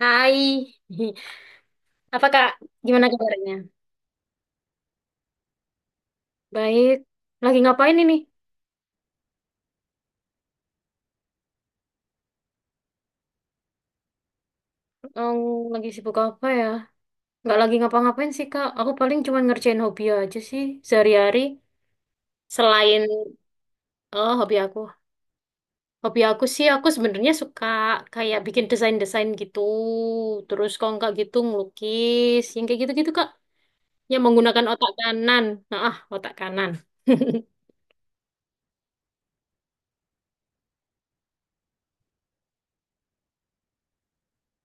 Hai, apa kak? Gimana kabarnya? Baik. Lagi ngapain ini? Em, lagi sibuk apa ya? Nggak lagi ngapa-ngapain sih kak. Aku paling cuma ngerjain hobi aja sih sehari-hari. Selain oh, hobi aku sih aku sebenarnya suka kayak bikin desain-desain gitu. Terus kalau nggak gitu ngelukis, yang kayak gitu-gitu kak. Yang menggunakan otak kanan. Nah, otak kanan.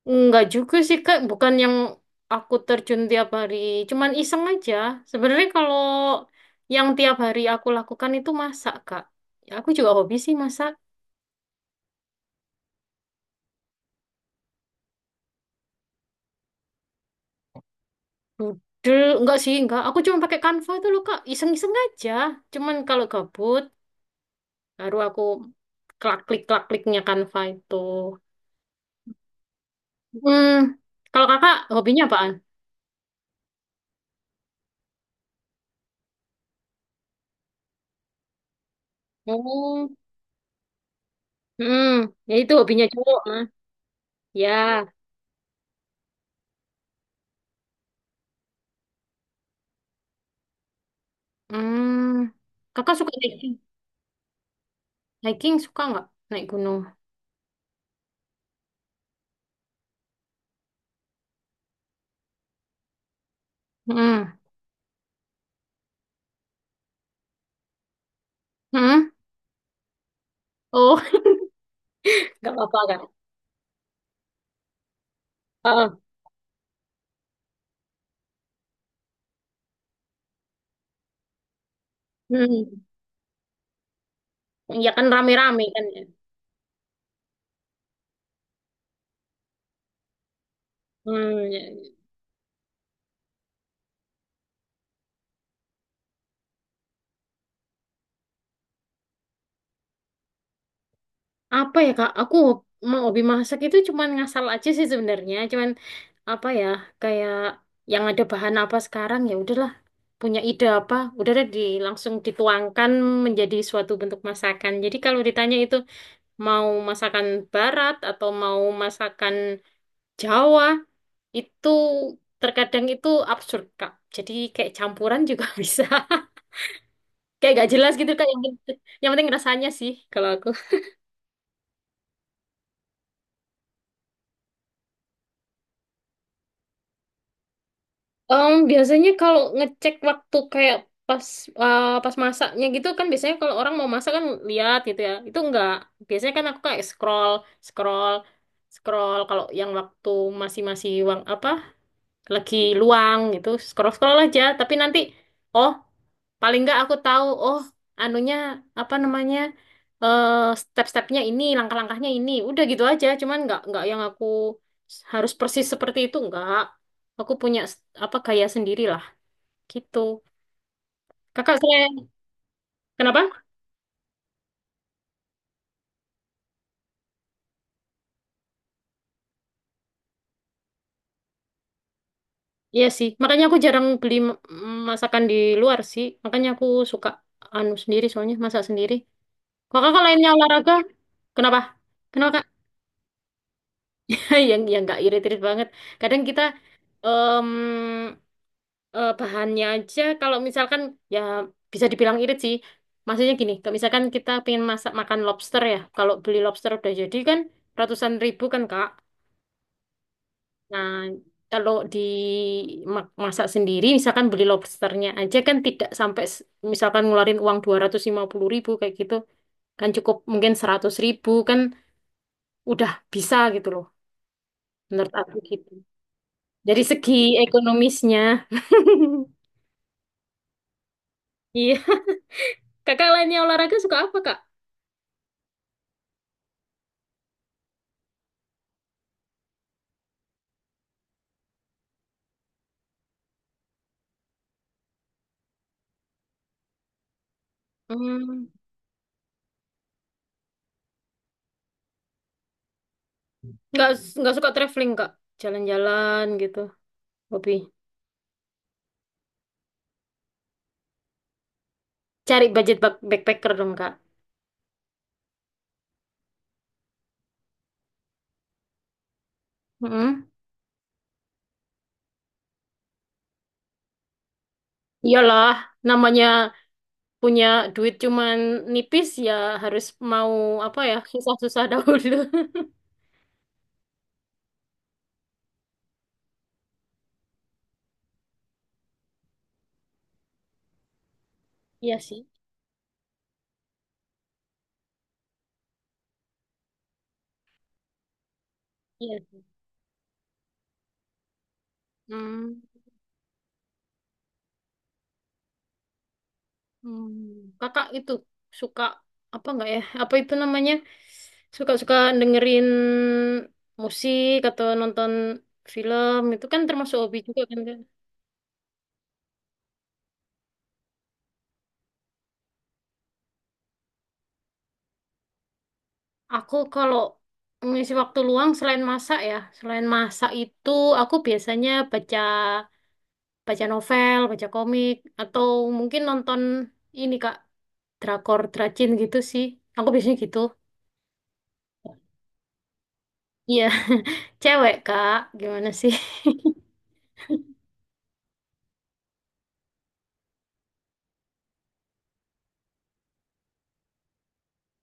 Enggak juga sih Kak, bukan yang aku terjun tiap hari, cuman iseng aja. Sebenarnya kalau yang tiap hari aku lakukan itu masak Kak. Ya, aku juga hobi sih masak. Dudel, enggak sih, enggak. Aku cuma pakai Canva itu loh Kak, iseng-iseng aja. Cuman kalau gabut, baru aku klak-klik-klak-kliknya Canva itu. Hmm, kalau Kakak hobinya apaan? Oh, hmm, ya itu hobinya cowok. Ah. Ya, hmm, Kakak suka naik hiking suka nggak naik gunung? Hmm. Hmm. Oh, nggak apa-apa kan? Heeh. Hmm. Ya kan rame-rame kan ya. Hmm. Ya, ya. Apa ya Kak? Aku mau hobi masak itu cuman ngasal aja sih sebenarnya. Cuman apa ya? Kayak yang ada bahan apa sekarang ya udahlah. Punya ide apa? Udah deh langsung dituangkan menjadi suatu bentuk masakan. Jadi kalau ditanya itu mau masakan barat atau mau masakan Jawa, itu terkadang itu absurd, Kak. Jadi kayak campuran juga bisa. Kayak gak jelas gitu, Kak. Yang penting rasanya sih kalau aku. Biasanya kalau ngecek waktu kayak pas pas masaknya gitu kan biasanya kalau orang mau masak kan lihat gitu ya. Itu enggak. Biasanya kan aku kayak scroll, scroll, scroll kalau yang waktu masih-masih uang apa lagi luang gitu scroll scroll aja tapi nanti oh paling nggak aku tahu oh anunya apa namanya eh step-stepnya ini langkah-langkahnya ini udah gitu aja cuman nggak yang aku harus persis seperti itu nggak aku punya apa gaya sendiri lah gitu kakak saya kenapa. Iya sih makanya aku jarang beli masakan di luar sih makanya aku suka anu sendiri soalnya masak sendiri kalau kakak lainnya olahraga kenapa kenapa Kak? Yang nggak irit-irit banget. Kadang kita em, bahannya aja kalau misalkan ya bisa dibilang irit sih. Maksudnya gini, kalau misalkan kita pengen masak makan lobster ya, kalau beli lobster udah jadi kan ratusan ribu kan Kak. Nah, kalau di masak sendiri misalkan beli lobsternya aja kan tidak sampai misalkan ngeluarin uang 250 ribu kayak gitu kan cukup mungkin 100 ribu kan udah bisa gitu loh menurut aku gitu. Dari segi ekonomisnya. Iya. Kakak lainnya olahraga suka apa, Kak? Hmm, nggak nggak suka traveling, Kak. Jalan-jalan gitu, hobi. Cari budget backpacker dong, Kak. Mm-mm. Iyalah, namanya punya duit cuman nipis ya harus mau apa ya, susah-susah dahulu. Iya sih. Iya sih. Hmm. Hmm, kakak itu suka apa nggak ya? Apa itu namanya? Suka-suka dengerin musik atau nonton film itu kan termasuk hobi juga kan Kak? Aku kalau mengisi waktu luang selain masak ya, selain masak itu aku biasanya baca baca novel, baca komik atau mungkin nonton ini Kak, drakor, dracin gitu sih. Aku biasanya gitu. Iya, cewek Kak, gimana sih?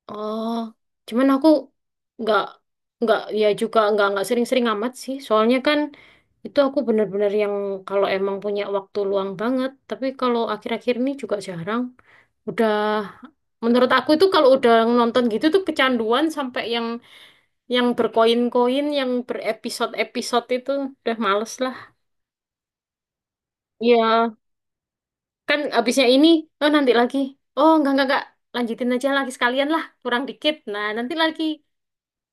Oh, cuman aku nggak nggak ya juga nggak sering-sering amat sih. Soalnya kan itu aku bener-bener yang kalau emang punya waktu luang banget. Tapi kalau akhir-akhir ini juga jarang. Udah menurut aku itu kalau udah nonton gitu tuh kecanduan sampai yang berkoin-koin, yang berepisode-episode itu udah males lah. Iya, kan abisnya ini, oh nanti lagi. Oh, enggak, lanjutin aja lagi sekalian lah, kurang dikit. Nah, nanti lagi.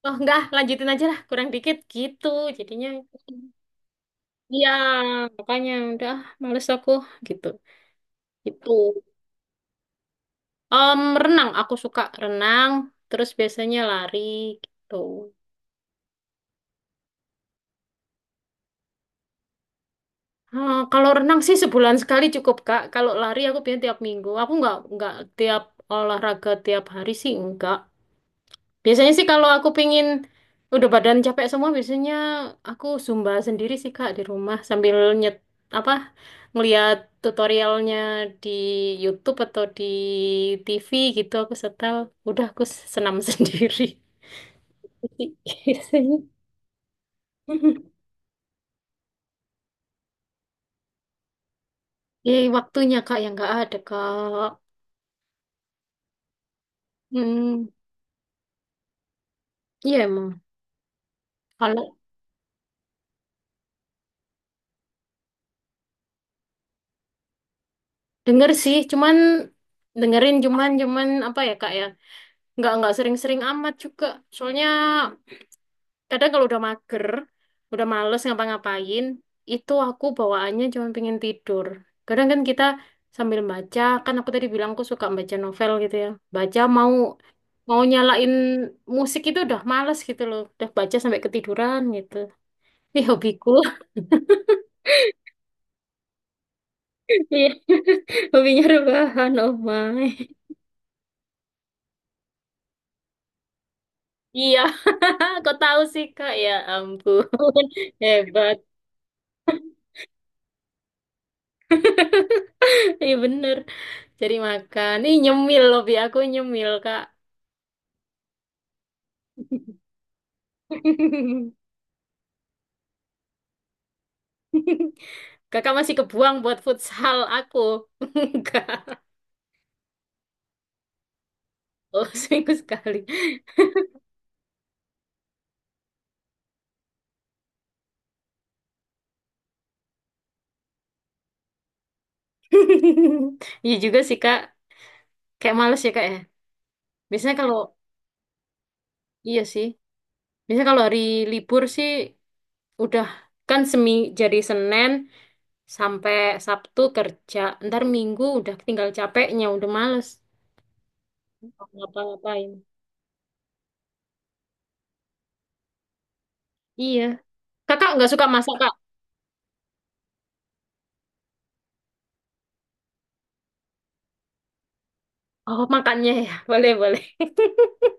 Oh enggak lanjutin aja lah kurang dikit gitu jadinya iya makanya udah males aku gitu itu. Renang aku suka renang terus biasanya lari gitu. Kalau renang sih sebulan sekali cukup Kak kalau lari aku biasanya tiap minggu aku nggak tiap olahraga tiap hari sih enggak biasanya sih kalau aku pingin udah badan capek semua biasanya aku zumba sendiri sih Kak di rumah sambil apa ngeliat tutorialnya di YouTube atau di TV gitu aku setel udah aku senam sendiri. Jadi, biasanya ya waktunya kak yang nggak ada kak. hmm iya emang kalau denger sih cuman dengerin cuman cuman apa ya kak ya nggak sering-sering amat juga soalnya kadang kalau udah mager, udah males ngapa-ngapain, itu aku bawaannya cuma pengen tidur. Kadang kan kita sambil baca, kan aku tadi bilang aku suka baca novel gitu ya. Baca mau mau nyalain musik itu udah males gitu loh. Udah baca sampai ketiduran gitu. Ini hobiku. Iya. Hobinya rebahan, oh my. Iya, kok tahu sih Kak? Ya ampun, hebat. Iya bener. Cari makan. Ih nyemil lebih aku nyemil kak. Kakak masih kebuang buat futsal aku. Enggak. Oh seminggu sekali. Iya juga sih kak. Kayak males ya kak ya. Biasanya kalau. Iya sih. Biasanya kalau hari libur sih udah kan semi jadi Senin sampai Sabtu kerja. Ntar Minggu udah tinggal capeknya udah males. Mau ngapa-ngapain. Iya. Kakak nggak suka masak, Kak? Oh, makannya ya. Boleh, boleh.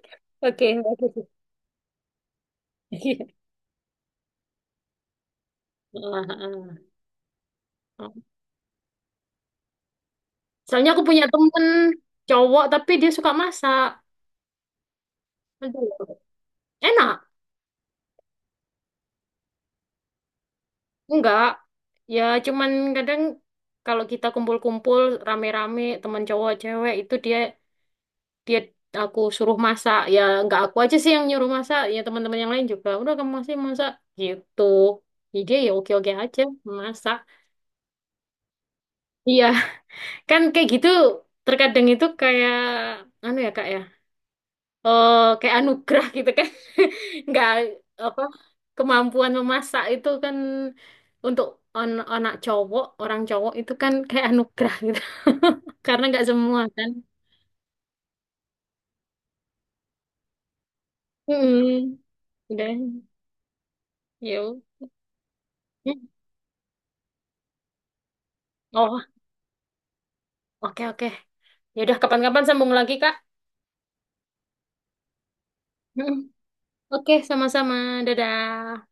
Oke, bagus. Iya. Ah, ah, ah. Soalnya aku punya temen cowok, tapi dia suka masak. Aduh, enak? Enggak. Ya, cuman kadang kalau kita kumpul-kumpul rame-rame, teman cowok, cewek, itu dia dia aku suruh masak. Ya, enggak aku aja sih yang nyuruh masak. Ya, teman-teman yang lain juga. Udah, kamu masih masak. Gitu. Jadi dia ya oke-oke aja masak. Iya, kan kayak gitu terkadang itu kayak anu ya Kak ya. Oh, kayak anugerah gitu kan. Nggak apa kemampuan memasak itu kan untuk anak cowok, orang cowok itu kan kayak anugerah gitu. Karena nggak semua kan. Mm-mm. Udah. Yuk. Hmm. Oh, oke oke. Ya udah kapan-kapan sambung lagi Kak. Mm. Oke, sama-sama. Dadah.